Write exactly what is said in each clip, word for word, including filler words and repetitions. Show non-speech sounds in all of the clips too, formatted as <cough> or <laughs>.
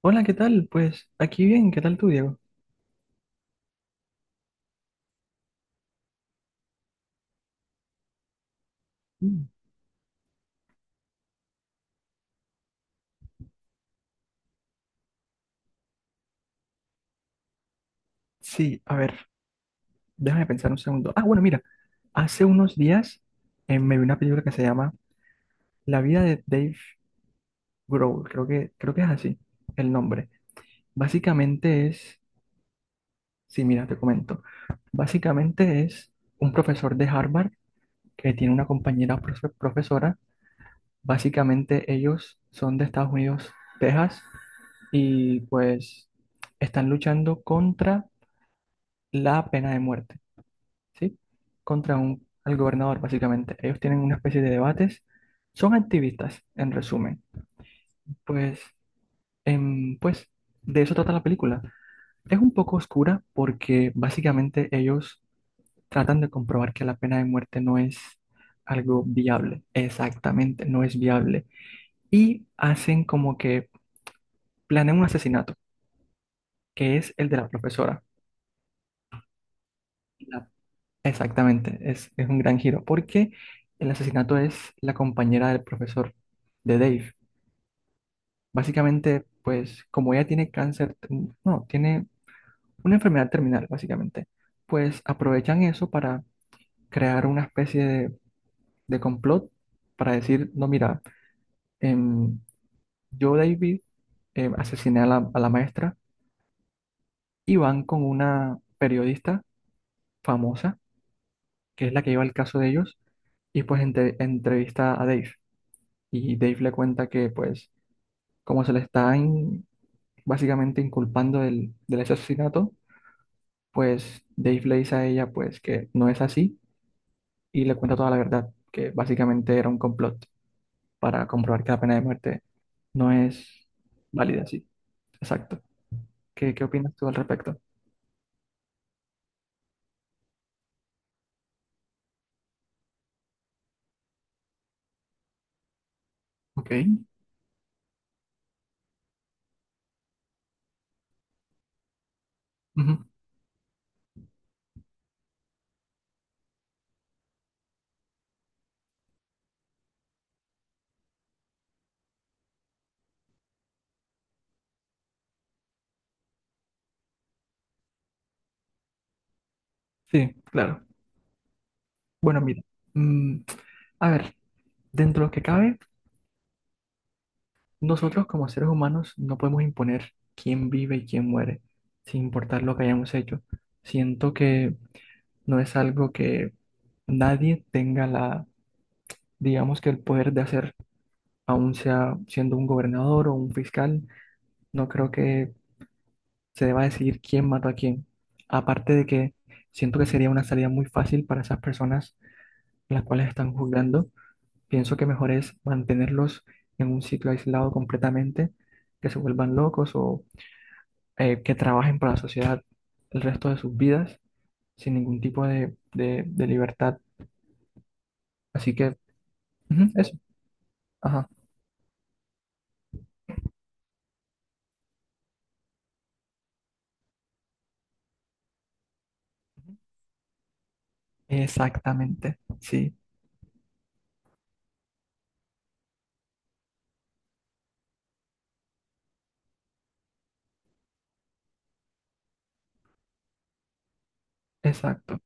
Hola, ¿qué tal? Pues aquí bien, ¿qué tal tú, Diego? Mm. Sí, a ver, déjame pensar un segundo. Ah, bueno, mira, hace unos días eh, me vi una película que se llama La vida de Dave Grohl, creo que, creo que es así el nombre. Básicamente es, sí, mira, te comento. Básicamente es un profesor de Harvard que tiene una compañera profe- profesora. Básicamente ellos son de Estados Unidos, Texas, y pues están luchando contra la pena de muerte. ¿Sí? Contra un, al gobernador, básicamente. Ellos tienen una especie de debates. Son activistas, en resumen. Pues, em, pues, de eso trata la película. Es un poco oscura porque básicamente ellos tratan de comprobar que la pena de muerte no es algo viable. Exactamente, no es viable. Y hacen como que planean un asesinato, que es el de la profesora. La exactamente, es, es un gran giro, porque el asesinato es la compañera del profesor, de Dave. Básicamente, pues como ella tiene cáncer, mm, no, tiene una enfermedad terminal, básicamente, pues aprovechan eso para crear una especie de, de complot para decir, no, mira, em, yo, David, em, asesiné a la, a la maestra y van con una periodista famosa, que es la que lleva el caso de ellos, y pues entre- entrevista a Dave. Y Dave le cuenta que pues como se le está in- básicamente inculpando del, del ese asesinato, pues Dave le dice a ella pues que no es así y le cuenta toda la verdad, que básicamente era un complot para comprobar que la pena de muerte no es válida, sí, exacto. ¿Qué, qué opinas tú al respecto? Ok, ujú. Sí, claro. Bueno, mira, mm, a ver, dentro de lo que cabe. Nosotros como seres humanos no podemos imponer quién vive y quién muere, sin importar lo que hayamos hecho. Siento que no es algo que nadie tenga la, digamos que el poder de hacer, aun sea siendo un gobernador o un fiscal, no creo que se deba decidir quién mató a quién. Aparte de que siento que sería una salida muy fácil para esas personas las cuales están juzgando, pienso que mejor es mantenerlos en un sitio aislado completamente, que se vuelvan locos o eh, que trabajen para la sociedad el resto de sus vidas sin ningún tipo de, de- de libertad. Así que, ujú, eso. Ajá. Exactamente. Sí, exacto.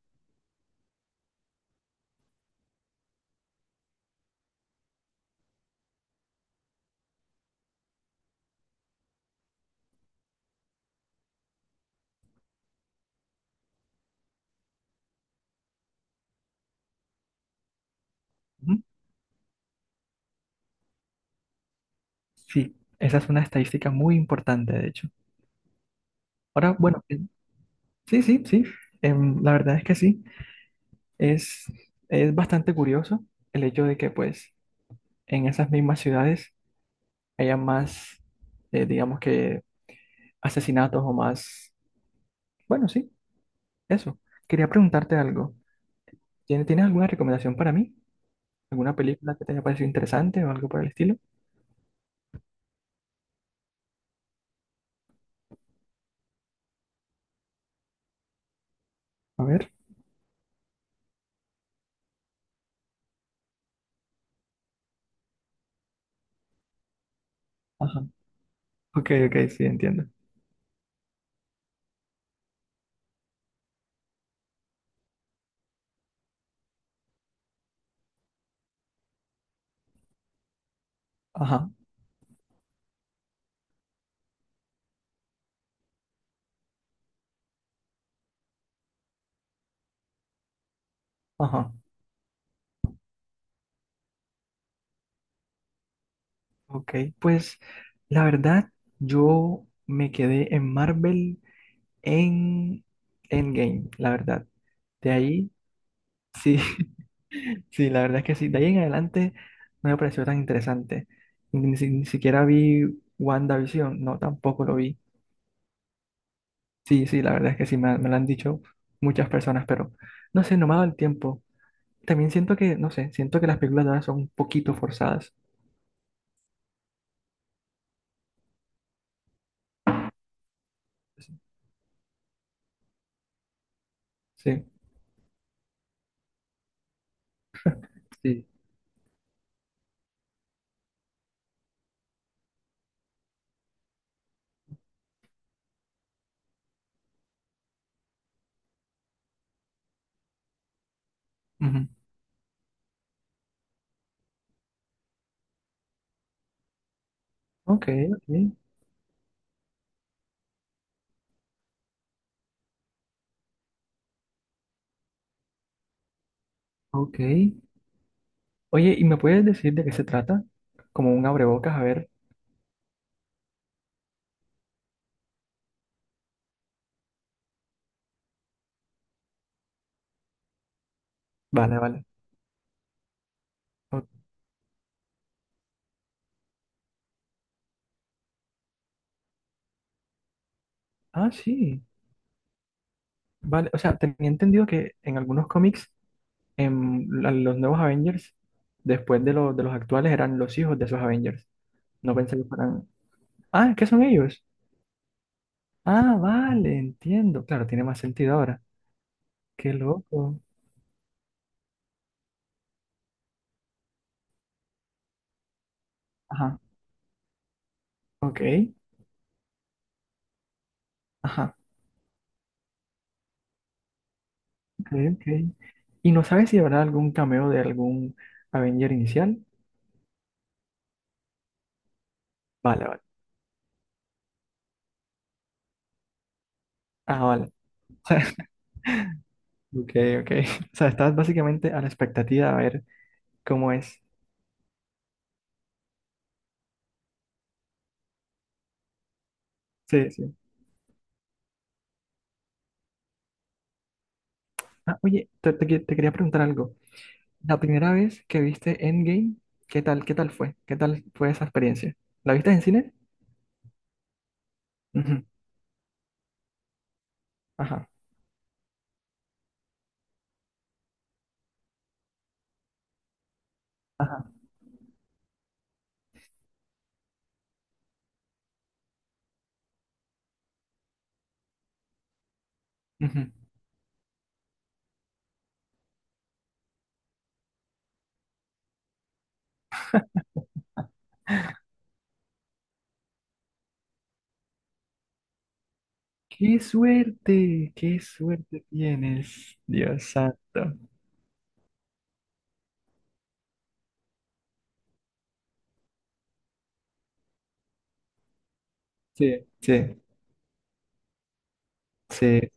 Ujú. Sí, esa es una estadística muy importante, de hecho. Ahora, bueno, eh, sí, sí, sí. Em, la verdad es que sí. Es, es bastante curioso el hecho de que, pues, en esas mismas ciudades haya más, eh, digamos que, asesinatos o más. Bueno, sí, eso. Quería preguntarte algo. ¿Tienes, tienes alguna recomendación para mí? ¿Alguna película que te haya parecido interesante o algo por el estilo? A ver. Ajá. Ok, ok, sí, entiendo. Ajá, ajá. Ok, pues la verdad, yo me quedé en Marvel en Endgame, la verdad. De ahí, sí, <laughs> sí, la verdad es que sí. De ahí en adelante no me pareció tan interesante. Ni, si- ni siquiera vi WandaVision, no, tampoco lo vi. Sí, sí, la verdad es que sí, me, me lo han dicho muchas personas, pero no sé, no me ha dado el tiempo. También siento que, no sé, siento que las películas de ahora son un poquito forzadas. Sí. Sí. Ujú. Ok, ok, ok. Oye, ¿y me puedes decir de qué se trata? Como un abrebocas, a ver. Vale, vale. O- ah, sí. Vale, o sea, tenía entendido que en algunos cómics, en la- los nuevos Avengers, después de, los de los actuales, eran los hijos de esos Avengers. No pensé que fueran. Ah, ¿qué son ellos? Ah, vale, entiendo. Claro, tiene más sentido ahora. Qué loco. Ajá, ok. Ajá, ok, ok. ¿Y no sabes si habrá algún cameo de algún Avenger inicial? Vale, vale. Ah, vale. <laughs> Ok, ok. <laughs> O sea, estás básicamente a la expectativa a ver cómo es. Sí, sí. Ah, oye, te, te que- te quería preguntar algo. La primera vez que viste Endgame, ¿qué tal, qué tal fue? ¿Qué tal fue esa experiencia? ¿La viste en cine? Ujú. Ajá, ajá. Ujú. ¡Qué suerte! ¡Qué suerte tienes! Dios santo. Sí, sí, sí,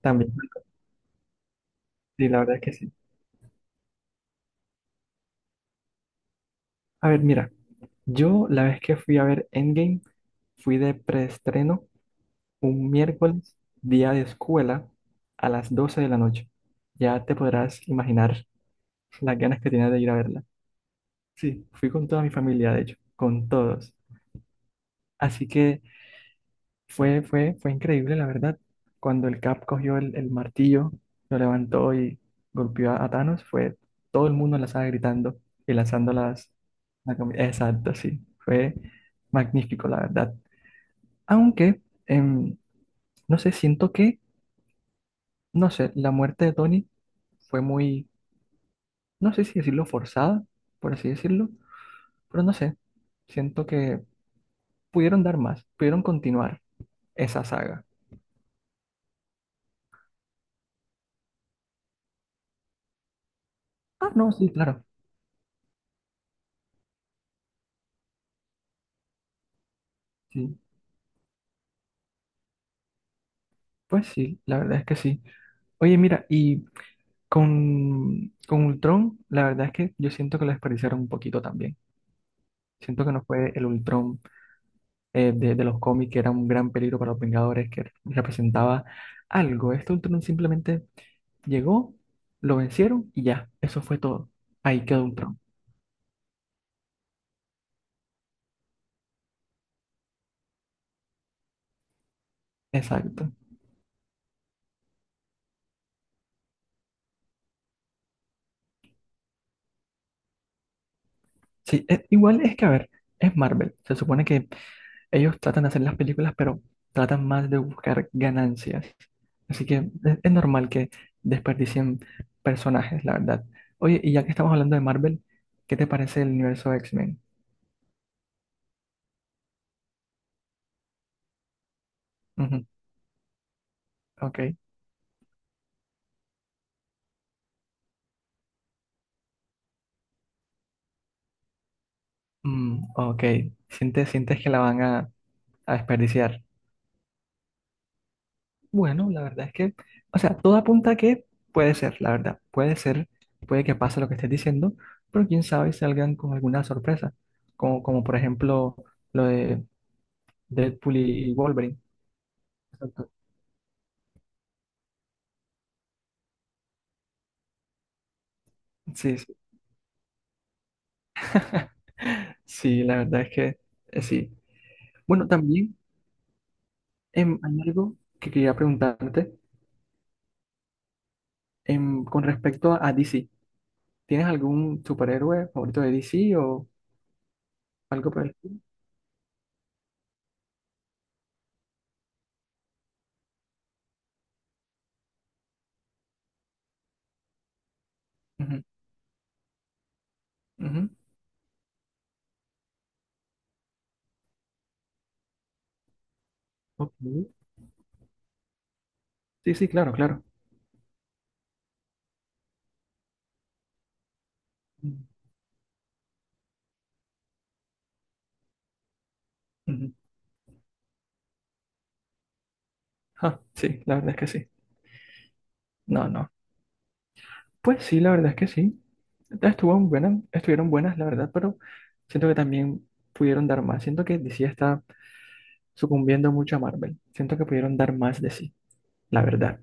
también. Sí, la verdad es que sí. A ver, mira, yo la vez que fui a ver Endgame, fui de preestreno un miércoles, día de escuela, a las doce de la noche. Ya te podrás imaginar las ganas que tenía de ir a verla. Sí, fui con toda mi familia, de hecho, con todos. Así que fue, fue, fue increíble, la verdad. Cuando el Cap cogió el, el martillo, lo levantó y golpeó a, a Thanos, fue todo el mundo en la sala gritando y lanzando las... la cami- Exacto, sí. Fue magnífico, la verdad. Aunque, em, no sé, siento que, no sé, la muerte de Tony fue muy, no sé si decirlo forzada, por así decirlo, pero no sé, siento que pudieron dar más, pudieron continuar esa saga. Ah, no, sí, claro. Sí, pues sí, la verdad es que sí. Oye, mira, y con, con Ultron, la verdad es que yo siento que lo desperdiciaron un poquito también. Siento que no fue el Ultron eh, de, de los cómics, que era un gran peligro para los Vengadores, que representaba algo. Este Ultron simplemente llegó, lo vencieron y ya, eso fue todo. Ahí quedó Ultron. Exacto. Sí, eh, igual es que, a ver, es Marvel. Se supone que ellos tratan de hacer las películas, pero tratan más de buscar ganancias. Así que es, es normal que desperdicien personajes, la verdad. Oye, y ya que estamos hablando de Marvel, ¿qué te parece el universo X-Men? Ujú, ok. Mm, ok. ¿Sientes, sientes que la van a, a desperdiciar? Bueno, la verdad es que, o sea, todo apunta a que puede ser, la verdad. Puede ser, puede que pase lo que estés diciendo, pero quién sabe si salgan con alguna sorpresa. Como, como por ejemplo lo de Deadpool y Wolverine. Exacto. Sí, sí. <laughs> Sí, la verdad es que eh, sí. Bueno, también em, hay algo que quería preguntarte em, con respecto a, a D C. ¿Tienes algún superhéroe favorito de D C o algo por el estilo? Ujú, ujú. Ok. Sí, sí, claro, claro. Mm. Ujú. Ah, sí, la verdad es que sí. No, no. Pues sí, la verdad es que sí. Estuvo buena- estuvieron buenas, la verdad, pero siento que también pudieron dar más. Siento que D C está sucumbiendo mucho a Marvel. Siento que pudieron dar más de sí, la verdad.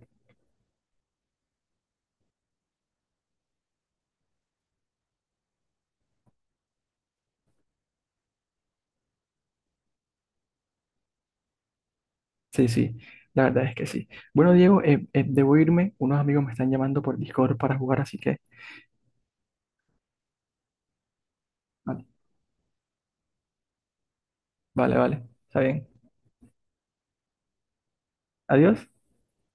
Sí, sí, la verdad es que sí. Bueno, Diego, eh, eh, debo irme. Unos amigos me están llamando por Discord para jugar, así que... Vale, vale, vale. Está bien. Adiós.